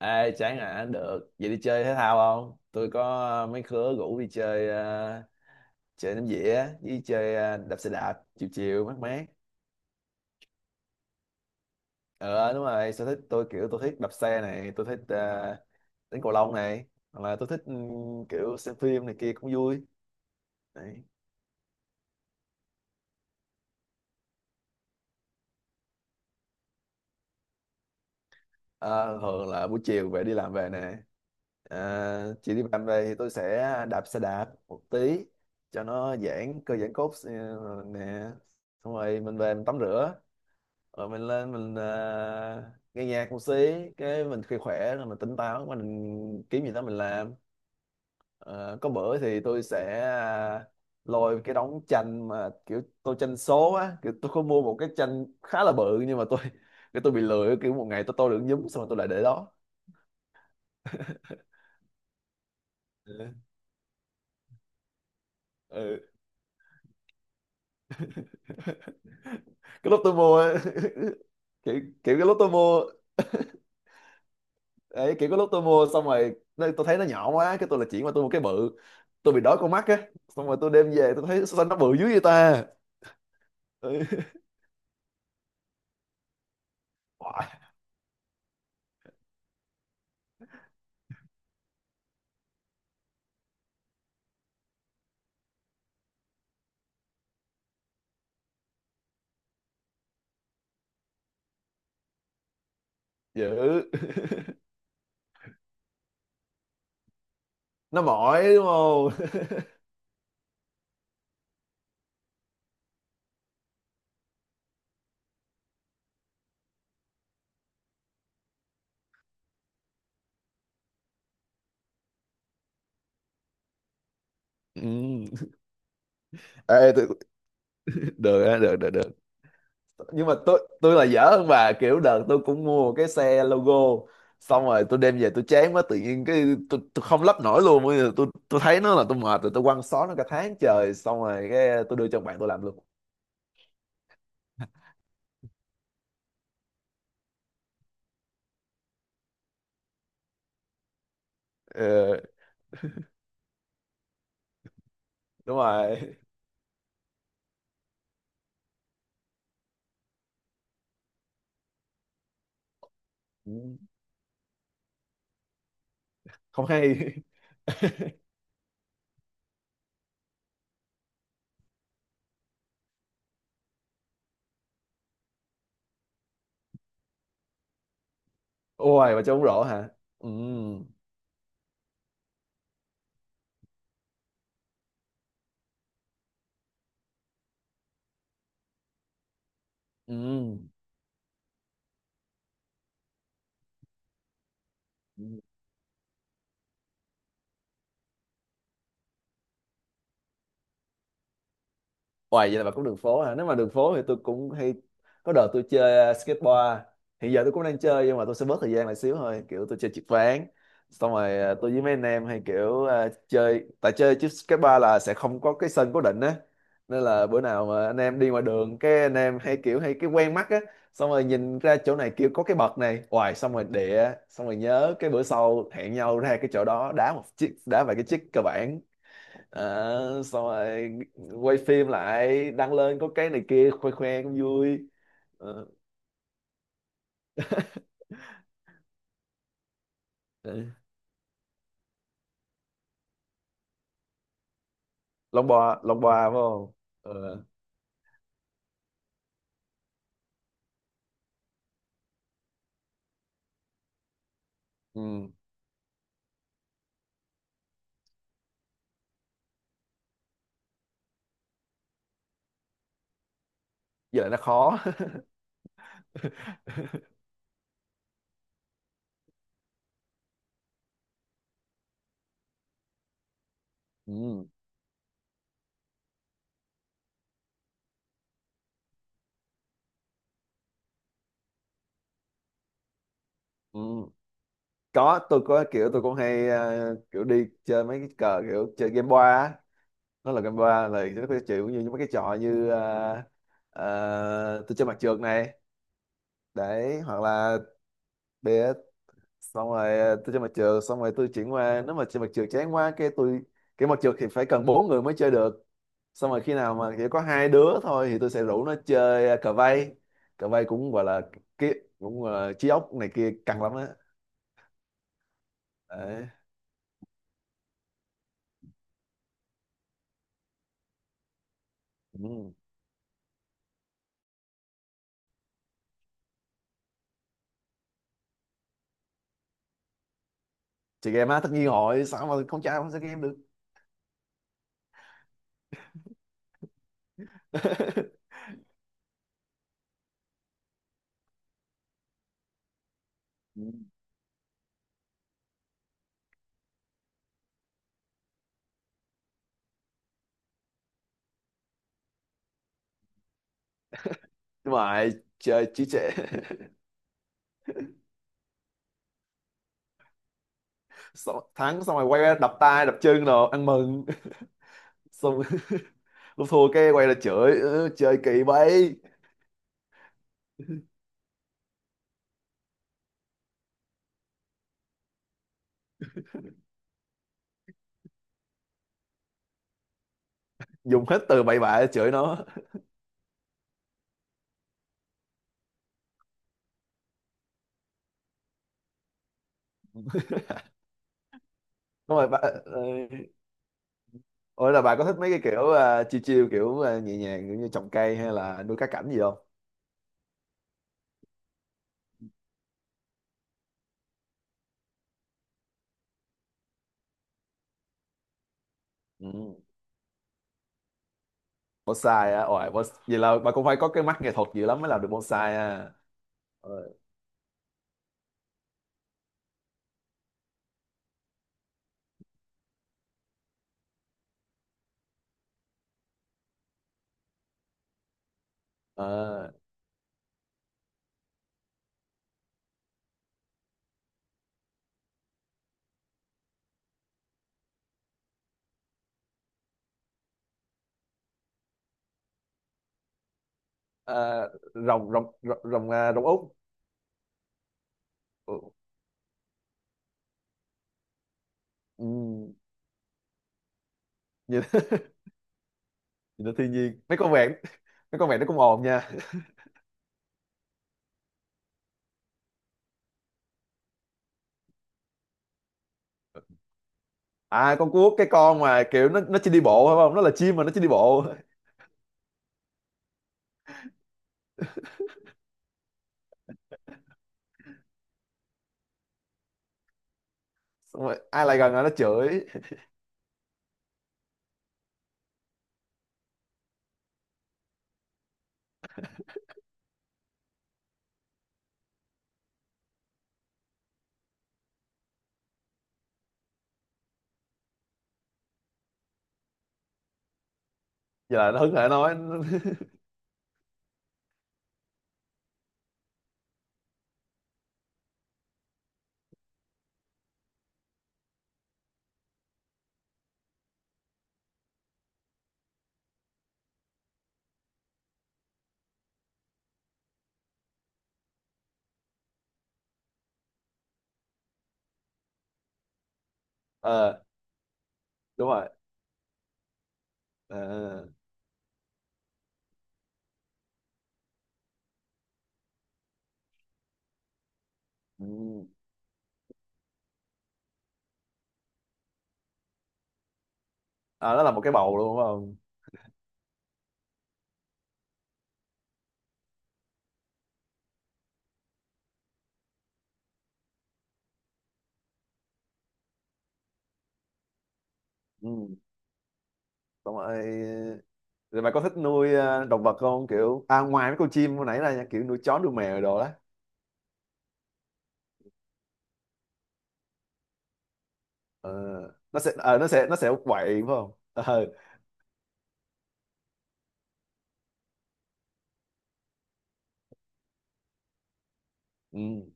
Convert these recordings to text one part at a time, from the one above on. Ê, chán à, được. Vậy đi chơi thể thao không? Tôi có mấy khứa rủ đi chơi chơi ném dĩa với chơi đạp xe đạp chiều chiều mát mát. Ờ đúng rồi, sở thích tôi kiểu tôi thích đạp xe này, tôi thích đánh cầu lông này, hoặc là tôi thích kiểu xem phim này kia cũng vui. Đấy. Ờ, thường là buổi chiều về đi làm về nè. Ờ, chị đi làm về thì tôi sẽ đạp xe đạp một tí cho nó giãn cơ giãn cốt nè. Xong rồi mình về mình tắm rửa rồi mình lên mình à, nghe nhạc một xí cái mình khi khỏe rồi mình tỉnh táo mình kiếm gì đó mình làm. Ờ, có bữa thì tôi sẽ à, lôi cái đống tranh mà kiểu tôi tranh số á, kiểu tôi có mua một cái tranh khá là bự, nhưng mà cái tôi bị lười, kiểu một ngày tôi được nhúm xong rồi tôi lại để đó. Ừ. Ừ. Cái lúc tôi mua á, kiểu, kiểu cái lúc tôi mua. Đấy, kiểu có lúc tôi mua xong rồi tôi thấy nó nhỏ quá cái tôi là chuyển qua tôi mua cái bự, tôi bị đói con mắt á, xong rồi tôi đem về tôi thấy sao nó bự dữ vậy ta. Ừ. Oải, dữ. Nó mỏi đúng không? Ừ. Ê, được á, được, được, được. Nhưng mà tôi là dở hơn bà, kiểu đợt tôi cũng mua cái xe logo, xong rồi tôi đem về tôi chán quá tự nhiên cái tôi không lắp nổi luôn, bây giờ tôi thấy nó là tôi mệt rồi, tôi quăng xó nó cả tháng trời, xong rồi cái tôi đưa cho bạn tôi làm luôn. Ờ, đúng rồi. Ừ, không hay. Ôi mà trông bóng rổ hả? Ừ, ừ. Hoài vậy là bà cũng đường phố hả? Nếu mà đường phố thì tôi cũng hay, có đợt tôi chơi skateboard. Hiện giờ tôi cũng đang chơi nhưng mà tôi sẽ bớt thời gian lại xíu thôi. Kiểu tôi chơi trượt ván. Xong rồi tôi với mấy anh em hay kiểu chơi tại chơi chứ skateboard là sẽ không có cái sân cố định á. Nên là bữa nào mà anh em đi ngoài đường cái anh em hay kiểu hay cái quen mắt á, xong rồi nhìn ra chỗ này kiểu có cái bậc này, hoài xong rồi xong rồi nhớ cái bữa sau hẹn nhau ra cái chỗ đó đá một chiếc đá vài cái chiếc cơ bản. Ờ, xong rồi quay phim lại đăng lên có cái này kia khoe khoe cũng vui. Ờ. Ừ. Lông bò phải không? Ờ. Ừ. Với lại nó khó. Ừ. Ừ. Có, tôi có kiểu tôi cũng hay, kiểu đi chơi mấy cái cờ kiểu chơi game boa á. Nó là game boa là nó có chịu như mấy cái trò như tôi chơi mặt trượt này, đấy, hoặc là bè, xong rồi tôi chơi mặt trượt xong rồi tôi chuyển qua, nếu mà chơi mặt trượt chán quá cái tôi, cái mặt trượt thì phải cần bốn người mới chơi được, xong rồi khi nào mà chỉ có hai đứa thôi thì tôi sẽ rủ nó chơi cờ vây, cờ vây cũng gọi là cái cũng trí óc này kia căng lắm á. Đấy. Ừ. Chơi game á, tất nhiên rồi, sao mà con trai không chơi game được. Ừ. Nhưng mà chơi chí trệ. Xong, thắng xong rồi quay ra đập tay đập chân rồi ăn mừng xong. Lúc thua cái quay ra chửi "Ơ, chơi kỳ vậy". Dùng hết từ bậy bạ để chửi nó. Đúng rồi bà, ờ, ủa là bà có thích mấy cái kiểu à, chill chill kiểu à, nhẹ nhàng kiểu như trồng cây hay là nuôi cá cảnh gì không? Ừ. Bonsai á, ôi bonsai. Vậy là bà cũng phải có cái mắt nghệ thuật gì lắm mới làm được bonsai à? Ờ, ờ, ờ, rồng rồng rồng rồng, à, rồng út. Ừ. Ừ, nhìn. Nhìn nó thiên nhiên mấy con vẹn, mấy con vẹn nó cũng ồn nha. À, con cuốc cái con mà kiểu nó chỉ đi bộ phải không? Nó là chim mà nó chỉ đi bộ. Xong rồi ai lại gần là nó chửi. Vậy là nó hứng hở nói. Ờ, đúng rồi. Ờ, ừ. À, nó là một cái bầu luôn đúng không? Ừ. Xong rồi rồi mày có thích nuôi động vật không, kiểu à ngoài mấy con chim hồi nãy là nha, kiểu nuôi chó nuôi mèo đồ đó? Ờ, nó sẽ quậy phải không? Ờ, ừ.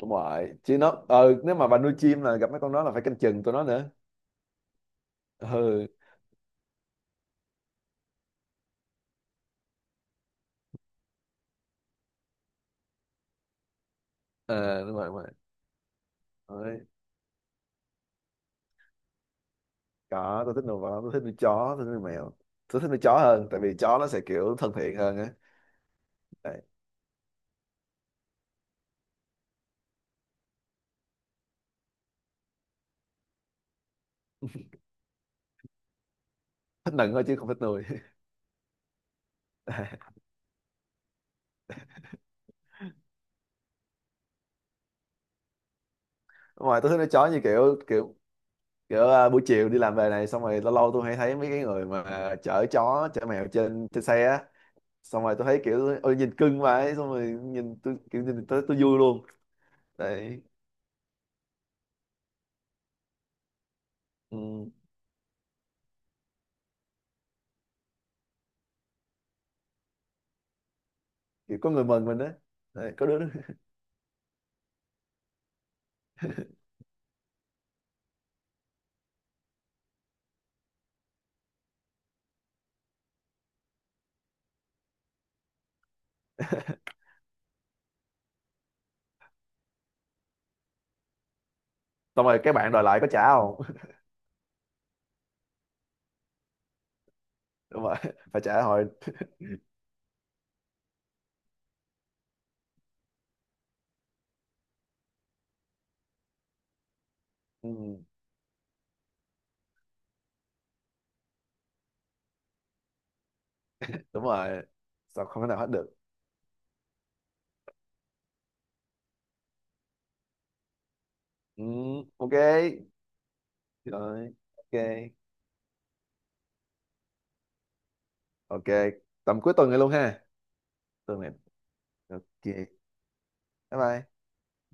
Đúng rồi, chứ nó, nếu mà bà nuôi chim là gặp mấy con đó là phải canh chừng tụi nó nữa. Ừ, ờ, đúng rồi, đúng rồi. Đấy. Có, tôi thích nuôi vật lắm, tôi thích nuôi chó, tôi thích nuôi mèo. Tôi thích nuôi chó hơn tại vì chó nó sẽ kiểu thân thiện hơn á. Thích nựng thôi chứ không thích nuôi. Ngoài tôi thích nuôi chó như kiểu kiểu kiểu à, buổi chiều đi làm về này xong rồi lâu lâu tôi hay thấy mấy cái người mà chở chó chở mèo trên trên xe á, xong rồi tôi thấy kiểu ôi nhìn cưng quá ấy, xong rồi nhìn tôi kiểu nhìn tôi vui luôn. Đấy. Ừ, kiểu có người mừng mình đấy, đấy có đứa. Xong rồi các bạn đòi lại có trả không? Đúng rồi, phải trả hồi. Ừ, đúng rồi. Sao không thể nào hết được. Ừ, ok. Rồi, ok. Ok. Tầm cuối tuần này luôn ha? Tuần này. Ok. Bye bye.